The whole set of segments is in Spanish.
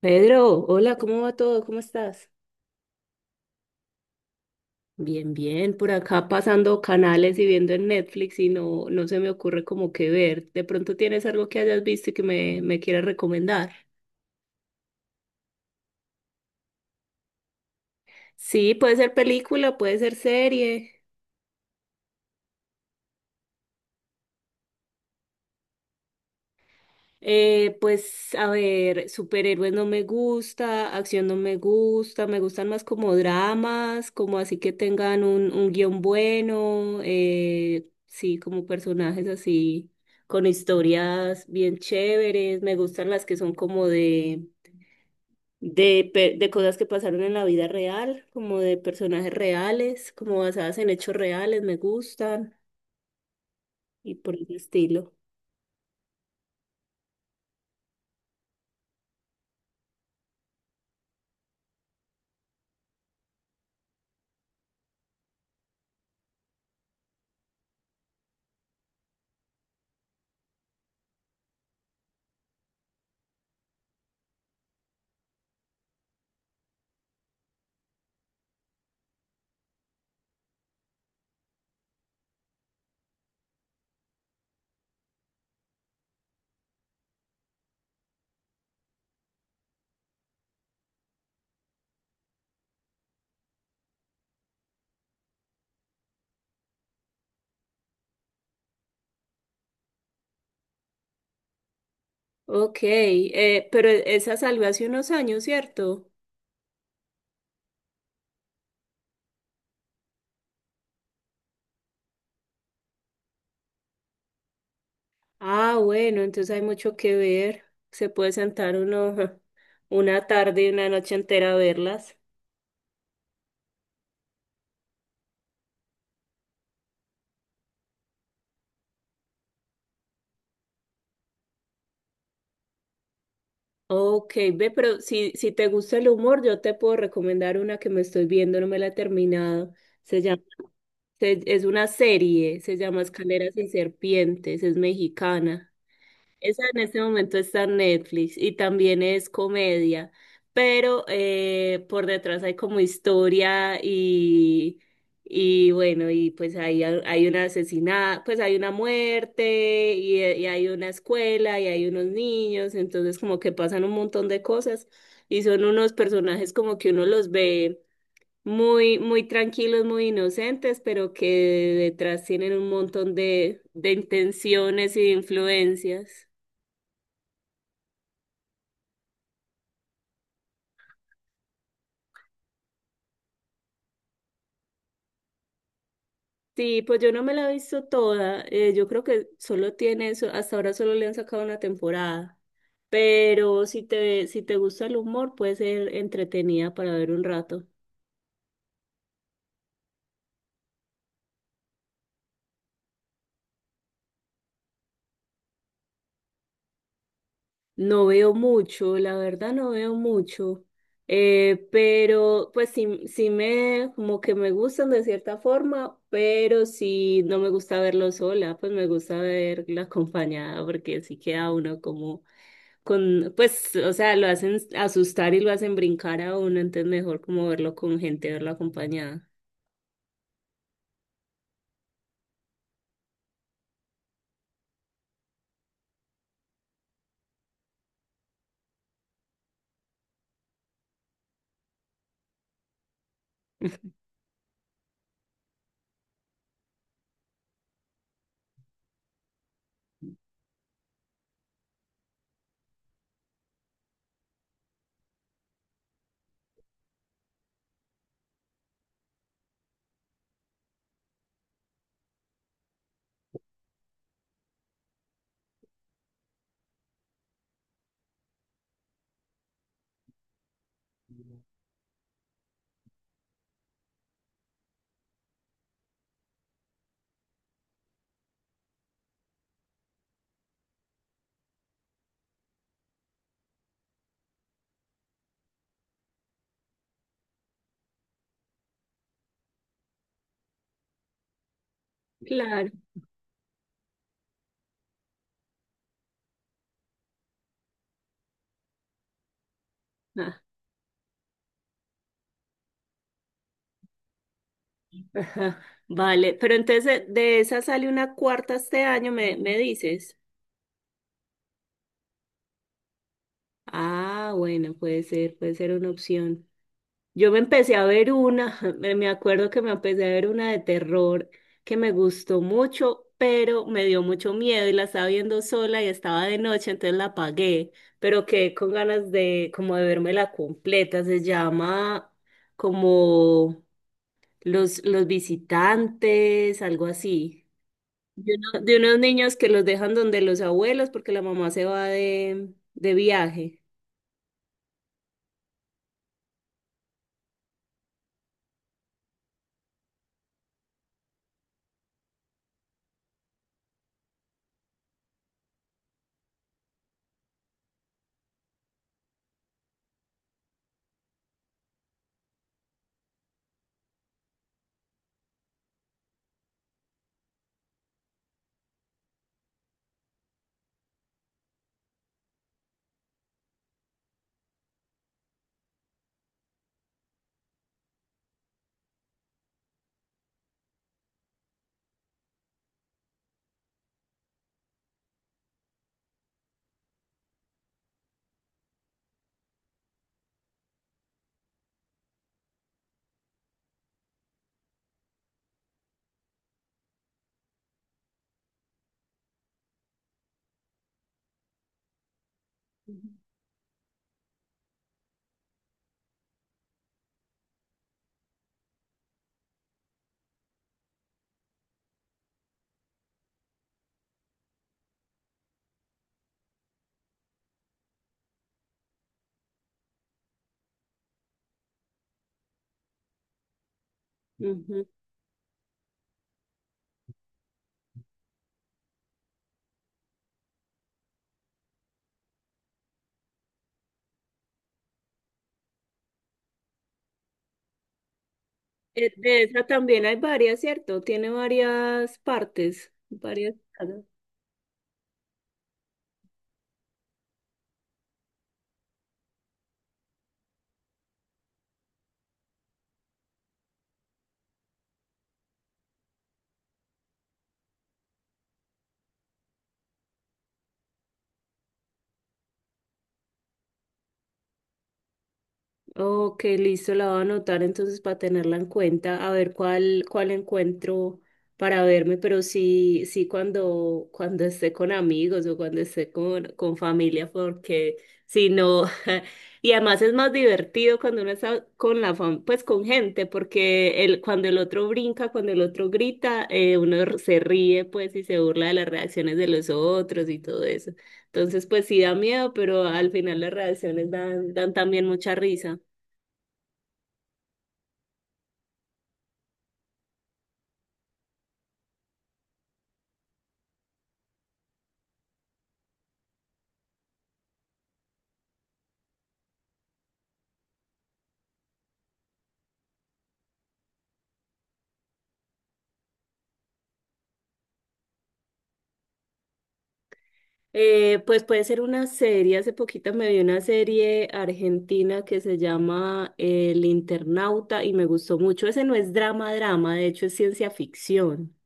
Pedro, hola, ¿cómo va todo? ¿Cómo estás? Bien, bien, por acá pasando canales y viendo en Netflix y no, no se me ocurre como qué ver. ¿De pronto tienes algo que hayas visto y que me quieras recomendar? Sí, puede ser película, puede ser serie. Pues a ver, superhéroes no me gusta, acción no me gusta, me gustan más como dramas, como así que tengan un guión bueno, sí, como personajes así, con historias bien chéveres, me gustan las que son como de cosas que pasaron en la vida real, como de personajes reales, como basadas en hechos reales, me gustan y por el estilo. Ok, pero esa salió hace unos años, ¿cierto? Ah, bueno, entonces hay mucho que ver. Se puede sentar uno una tarde y una noche entera a verlas. Ok, ve, pero si te gusta el humor, yo te puedo recomendar una que me estoy viendo, no me la he terminado. Se llama, es una serie, se llama Escaleras y Serpientes, es mexicana. Esa en este momento está en Netflix y también es comedia, pero por detrás hay como historia y bueno, y pues hay una asesinada, pues hay una muerte y hay una escuela y hay unos niños, entonces como que pasan un montón de cosas y son unos personajes como que uno los ve muy, muy tranquilos, muy inocentes, pero que detrás tienen un montón de intenciones y de influencias. Sí, pues yo no me la he visto toda. Yo creo que solo tiene eso. Hasta ahora solo le han sacado una temporada. Pero si te gusta el humor, puede ser entretenida para ver un rato. No veo mucho, la verdad no veo mucho. Pero pues sí, como que me gustan de cierta forma, pero sí no me gusta verlo sola, pues me gusta verla acompañada porque sí queda uno como con, pues, o sea, lo hacen asustar y lo hacen brincar a uno, entonces mejor como verlo con gente, verlo acompañada. Claro. Ah, ajá. Vale, pero entonces de esa sale una cuarta este año, me dices. Ah, bueno, puede ser una opción. Yo me empecé a ver una, me acuerdo que me empecé a ver una de terror que me gustó mucho, pero me dio mucho miedo y la estaba viendo sola y estaba de noche, entonces la apagué, pero quedé con ganas de como de la completa. Se llama como los visitantes, algo así. De unos niños que los dejan donde los abuelos porque la mamá se va de viaje. De esa también hay varias, ¿cierto? Tiene varias partes, varias sagas. Ok, listo, la voy a anotar entonces para tenerla en cuenta, a ver cuál encuentro para verme, pero sí, sí cuando esté con amigos o cuando esté con familia, porque si no, y además es más divertido cuando uno está con la fam- pues con gente, porque el, cuando el otro brinca, cuando el otro grita, uno r- se ríe pues y se burla de las reacciones de los otros y todo eso. Entonces, pues sí da miedo, pero al final las reacciones dan, dan también mucha risa. Pues puede ser una serie. Hace poquito me vi una serie argentina que se llama El Internauta y me gustó mucho. Ese no es drama, drama, de hecho es ciencia ficción.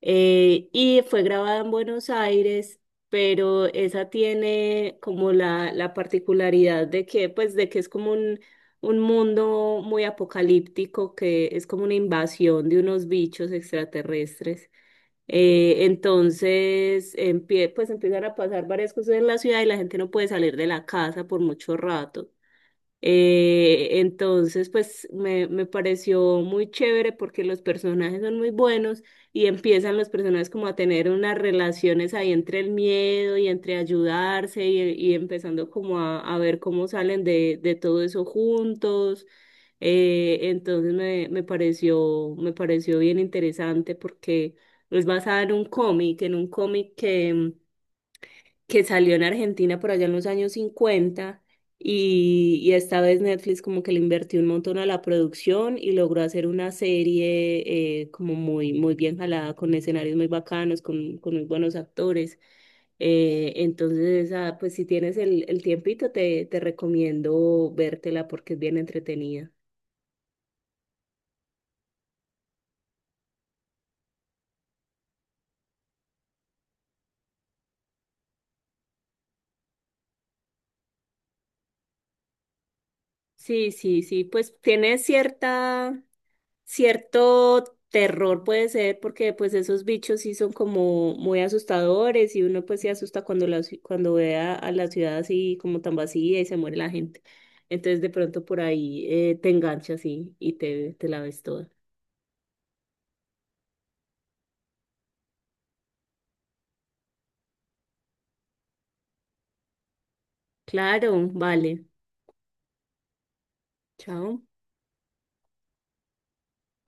Y fue grabada en Buenos Aires, pero esa tiene como la particularidad de que, pues, de que es como un mundo muy apocalíptico, que es como una invasión de unos bichos extraterrestres. Entonces, empie- pues empiezan a pasar varias cosas en la ciudad y la gente no puede salir de la casa por mucho rato. Entonces, pues me pareció muy chévere porque los personajes son muy buenos y empiezan los personajes como a tener unas relaciones ahí entre el miedo y entre ayudarse y empezando como a ver cómo salen de todo eso juntos. Entonces me pareció bien interesante porque es basada en un cómic que que salió en Argentina por allá en los años 50 y esta vez Netflix como que le invirtió un montón a la producción y logró hacer una serie como muy, muy bien jalada, con escenarios muy bacanos, con muy buenos actores. Entonces, ah, pues si tienes el tiempito, te recomiendo vértela porque es bien entretenida. Sí, sí, sí, pues tiene cierta, cierto terror puede ser, porque pues esos bichos sí son como muy asustadores y uno pues se asusta cuando la, ci- cuando ve a la ciudad así como tan vacía y se muere la gente. Entonces de pronto por ahí te enganchas y te la ves toda. Claro, vale. Chao.